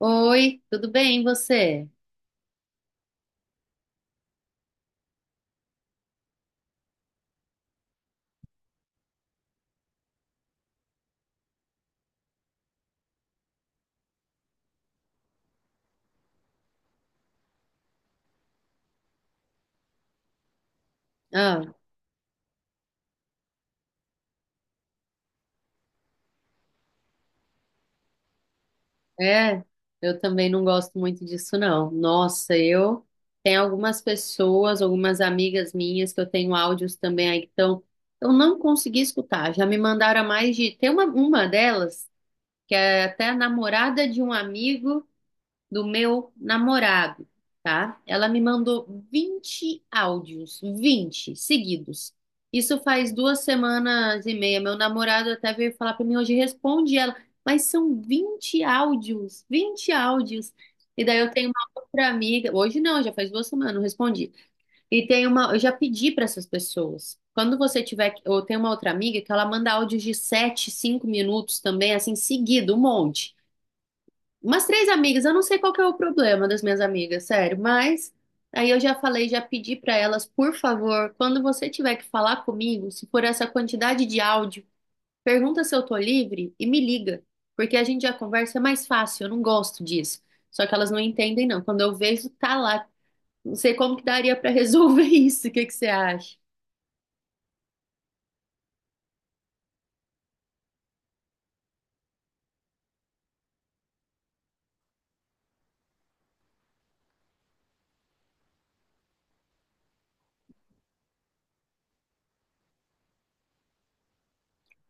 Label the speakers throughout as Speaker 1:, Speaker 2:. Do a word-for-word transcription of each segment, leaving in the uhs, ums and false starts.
Speaker 1: Oi, tudo bem, e você? Ah, é, eu também não gosto muito disso, não. Nossa, eu tenho algumas pessoas, algumas amigas minhas que eu tenho áudios também aí que estão. Eu não consegui escutar, já me mandaram a mais de. Tem uma, uma delas, que é até a namorada de um amigo. Do meu namorado, tá? Ela me mandou vinte áudios, vinte seguidos. Isso faz duas semanas e meia. Meu namorado até veio falar para mim hoje, responde ela, mas são vinte áudios, vinte áudios. E daí eu tenho uma outra amiga, hoje não, já faz duas semanas, não respondi. E tem uma, eu já pedi para essas pessoas. Quando você tiver, eu tenho uma outra amiga que ela manda áudios de sete, cinco minutos também, assim, seguido, um monte. Umas três amigas, eu não sei qual que é o problema das minhas amigas, sério, mas aí eu já falei, já pedi pra elas, por favor, quando você tiver que falar comigo, se for essa quantidade de áudio, pergunta se eu tô livre e me liga, porque a gente já conversa é mais fácil, eu não gosto disso. Só que elas não entendem, não. Quando eu vejo, tá lá. Não sei como que daria pra resolver isso, o que que você acha?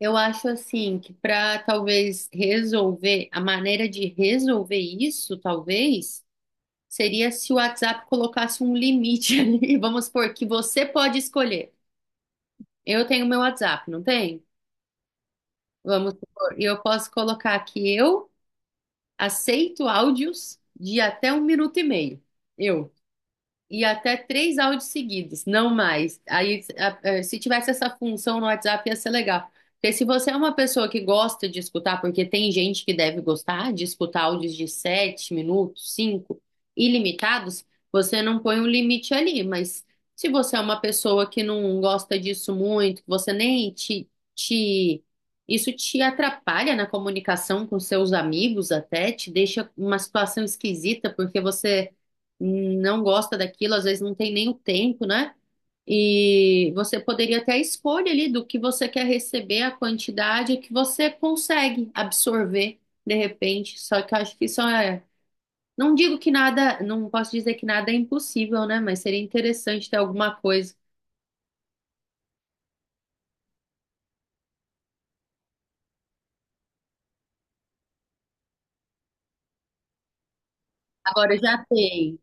Speaker 1: Eu acho assim que pra talvez resolver, a maneira de resolver isso, talvez. Seria se o WhatsApp colocasse um limite ali. Vamos supor que você pode escolher. Eu tenho meu WhatsApp, não tem? Vamos supor, e eu posso colocar que eu aceito áudios de até um minuto e meio. Eu. E até três áudios seguidos, não mais. Aí, a- eh, se tivesse essa função no WhatsApp, ia ser legal. Porque se você é uma pessoa que gosta de escutar, porque tem gente que deve gostar de escutar áudios de sete minutos, cinco, ilimitados, você não põe um limite ali. Mas se você é uma pessoa que não gosta disso muito, que você nem te, te... Isso te atrapalha na comunicação com seus amigos até, te deixa uma situação esquisita, porque você não gosta daquilo, às vezes não tem nem o tempo, né? E você poderia ter a escolha ali do que você quer receber, a quantidade que você consegue absorver de repente. Só que eu acho que isso é. Não digo que nada, não posso dizer que nada é impossível, né? Mas seria interessante ter alguma coisa. Agora eu já tem.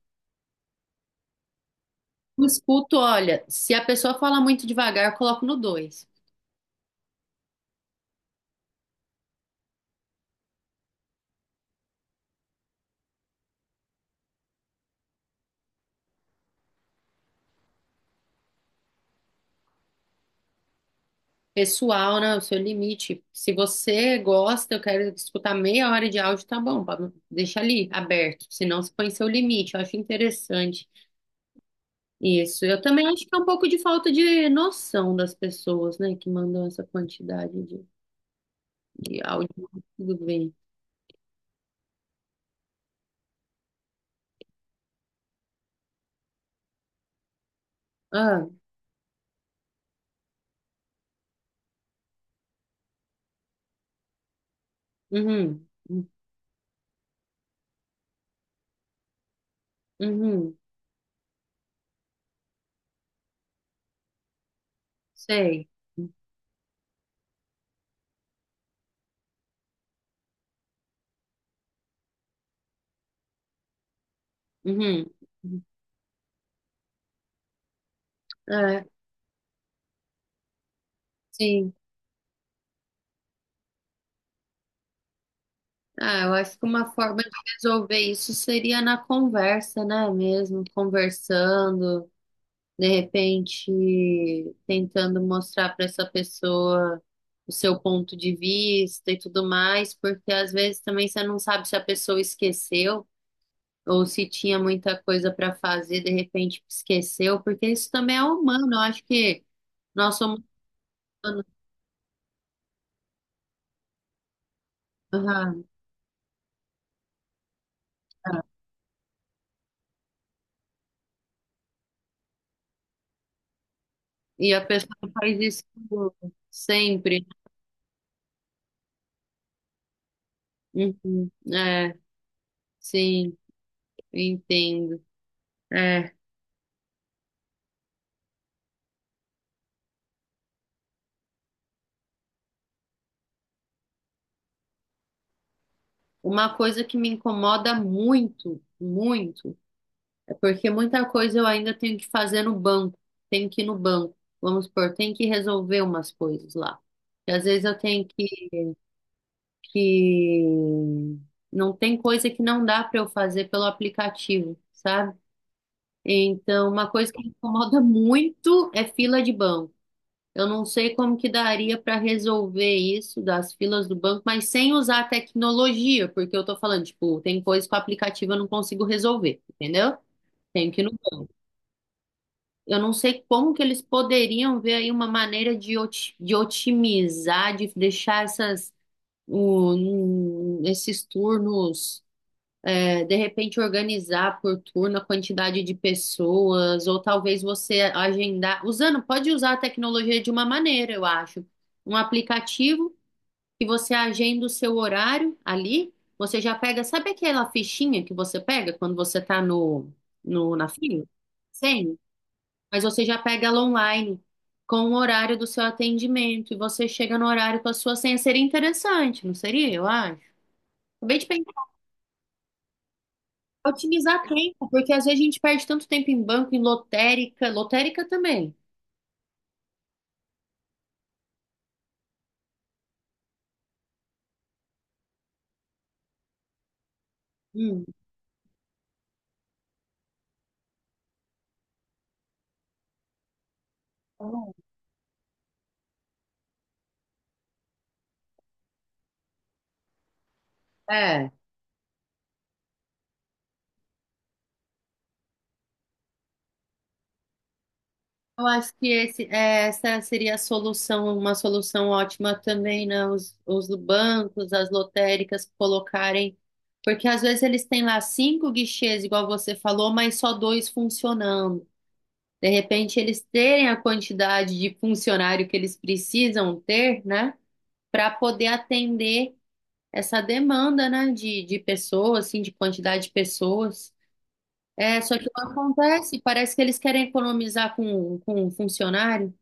Speaker 1: Eu escuto, olha, se a pessoa fala muito devagar, eu coloco no dois pessoal, né? O seu limite. Se você gosta, eu quero escutar meia hora de áudio, tá bom, Pablo. Deixa ali aberto, senão você põe seu limite. Eu acho interessante isso. Eu também acho que é um pouco de falta de noção das pessoas, né, que mandam essa quantidade de, de áudio. Tudo bem. Ah, uhum, uhum, sei. Uhum. É, sim. Ah, eu acho que uma forma de resolver isso seria na conversa, né, mesmo, conversando. De repente tentando mostrar para essa pessoa o seu ponto de vista e tudo mais, porque às vezes também você não sabe se a pessoa esqueceu ou se tinha muita coisa para fazer, de repente esqueceu, porque isso também é humano, eu acho que nós somos humanos. Aham, tá. E a pessoa faz isso sempre. Uhum, é, sim, eu entendo. É. Uma coisa que me incomoda muito, muito. É. Porque muita coisa eu ainda tenho que fazer no banco, tenho que ir no banco, vamos supor, tenho que resolver umas coisas lá. E às vezes eu tenho que, que... Não tem coisa que não dá para eu fazer pelo aplicativo, sabe? Então, uma coisa que me incomoda muito é fila de banco. Eu não sei como que daria para resolver isso das filas do banco, mas sem usar a tecnologia, porque eu tô falando, tipo, tem coisa que o aplicativo eu não consigo resolver, entendeu? Tenho que ir no banco. Eu não sei como que eles poderiam ver aí uma maneira de, oti- de otimizar, de deixar essas, o- hum, esses turnos, é, de repente organizar por turno a quantidade de pessoas, ou talvez você agendar, usando, pode usar a tecnologia de uma maneira, eu acho. Um aplicativo que você agenda o seu horário ali, você já pega, sabe aquela fichinha que você pega quando você está no, no, na fila? Mas você já pega ela online com o horário do seu atendimento e você chega no horário com a sua senha. Seria interessante, não seria? Eu acho. Acabei de pensar, otimizar tempo, porque às vezes a gente perde tanto tempo em banco, em lotérica, lotérica também. Hum, tá é. Eu acho que esse, é, essa seria a solução, uma solução ótima também, né? Os, os bancos, as lotéricas colocarem. Porque às vezes eles têm lá cinco guichês, igual você falou, mas só dois funcionando. De repente, eles terem a quantidade de funcionário que eles precisam ter, né, para poder atender essa demanda, né, de, de pessoas, assim, de quantidade de pessoas. É, só que não acontece, parece que eles querem economizar com, com um funcionário.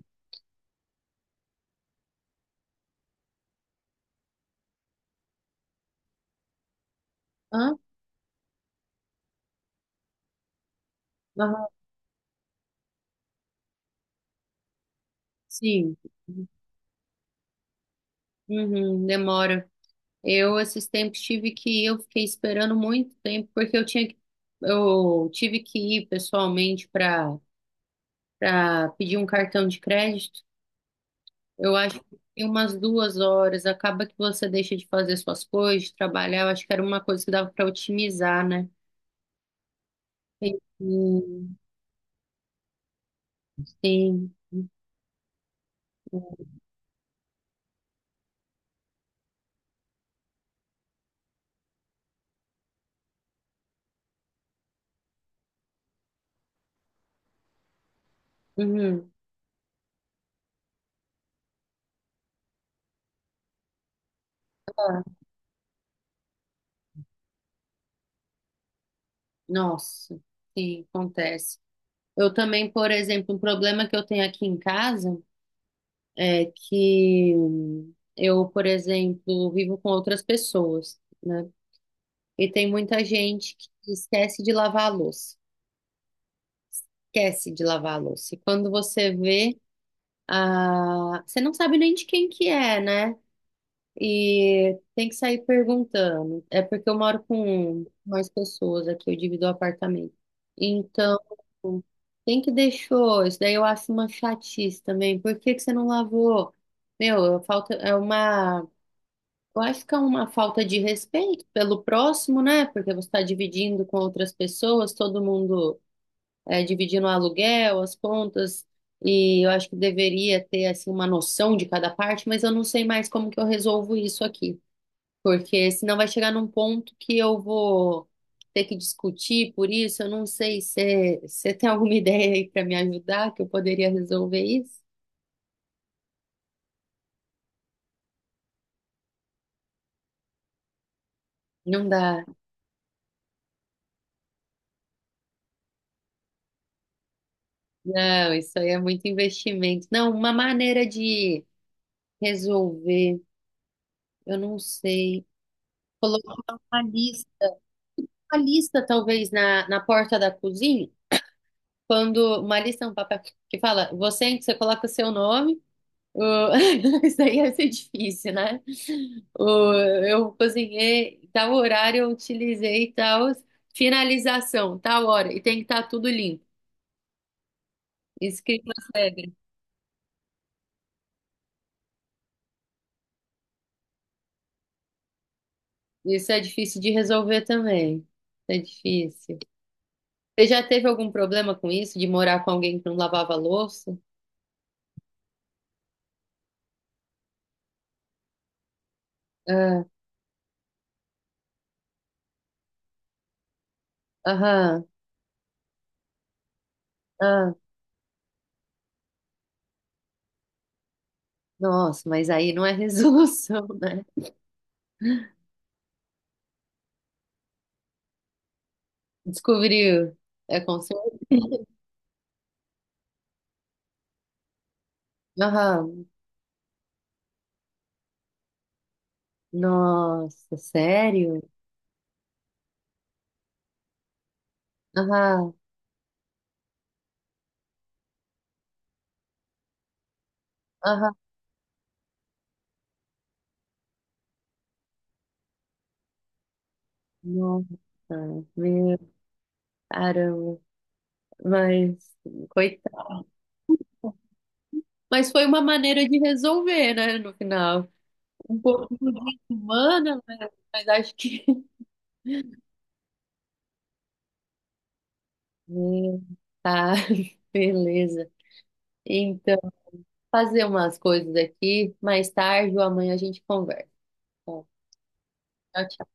Speaker 1: Hã? Aham, sim, uhum, demora. Eu, esses tempos, tive que ir, eu fiquei esperando muito tempo, porque eu tinha que, eu tive que ir pessoalmente para para pedir um cartão de crédito. Eu acho que em umas duas horas. Acaba que você deixa de fazer suas coisas, de trabalhar. Eu acho que era uma coisa que dava para otimizar, né? Sim, sim. Uhum. Tá. Nossa, sim, acontece. Eu também, por exemplo, um problema que eu tenho aqui em casa é que eu, por exemplo, vivo com outras pessoas, né? E tem muita gente que esquece de lavar a louça. Esquece de lavar a louça. E quando você vê, ah, você não sabe nem de quem que é, né? E tem que sair perguntando. É porque eu moro com mais pessoas aqui, eu divido o apartamento. Então, quem que deixou? Isso daí eu acho uma chatice também. Por que que você não lavou? Meu, falta é uma, eu acho que é uma falta de respeito pelo próximo, né? Porque você está dividindo com outras pessoas, todo mundo eh, dividindo o aluguel, as contas, e eu acho que deveria ter assim uma noção de cada parte, mas eu não sei mais como que eu resolvo isso aqui, porque senão vai chegar num ponto que eu vou ter que discutir por isso, eu não sei se você tem alguma ideia aí para me ajudar que eu poderia resolver isso. Não dá. Não, isso aí é muito investimento. Não, uma maneira de resolver, eu não sei. Colocar uma lista, uma lista talvez na, na porta da cozinha. Quando uma lista é um papel que fala, você, em que você coloca o seu nome, o- isso aí ia ser difícil, né? O- Eu cozinhei, tal horário eu utilizei tal finalização, tal hora, e tem que estar tudo limpo, escrito nas regras. Isso é difícil de resolver também. É difícil. Você já teve algum problema com isso, de morar com alguém que não lavava louça? Ah, aham, ah, nossa, mas aí não é resolução, né? Descobriu. É com. Aham. Nossa, sério? Aham. Aham. Nossa, meu caramba. Mas, coitado. Mas foi uma maneira de resolver, né, no final. Um pouco desumana, mas, mas acho que. Meu, tá, beleza. Então, fazer umas coisas aqui. Mais tarde ou amanhã a gente conversa. Tá? Tchau,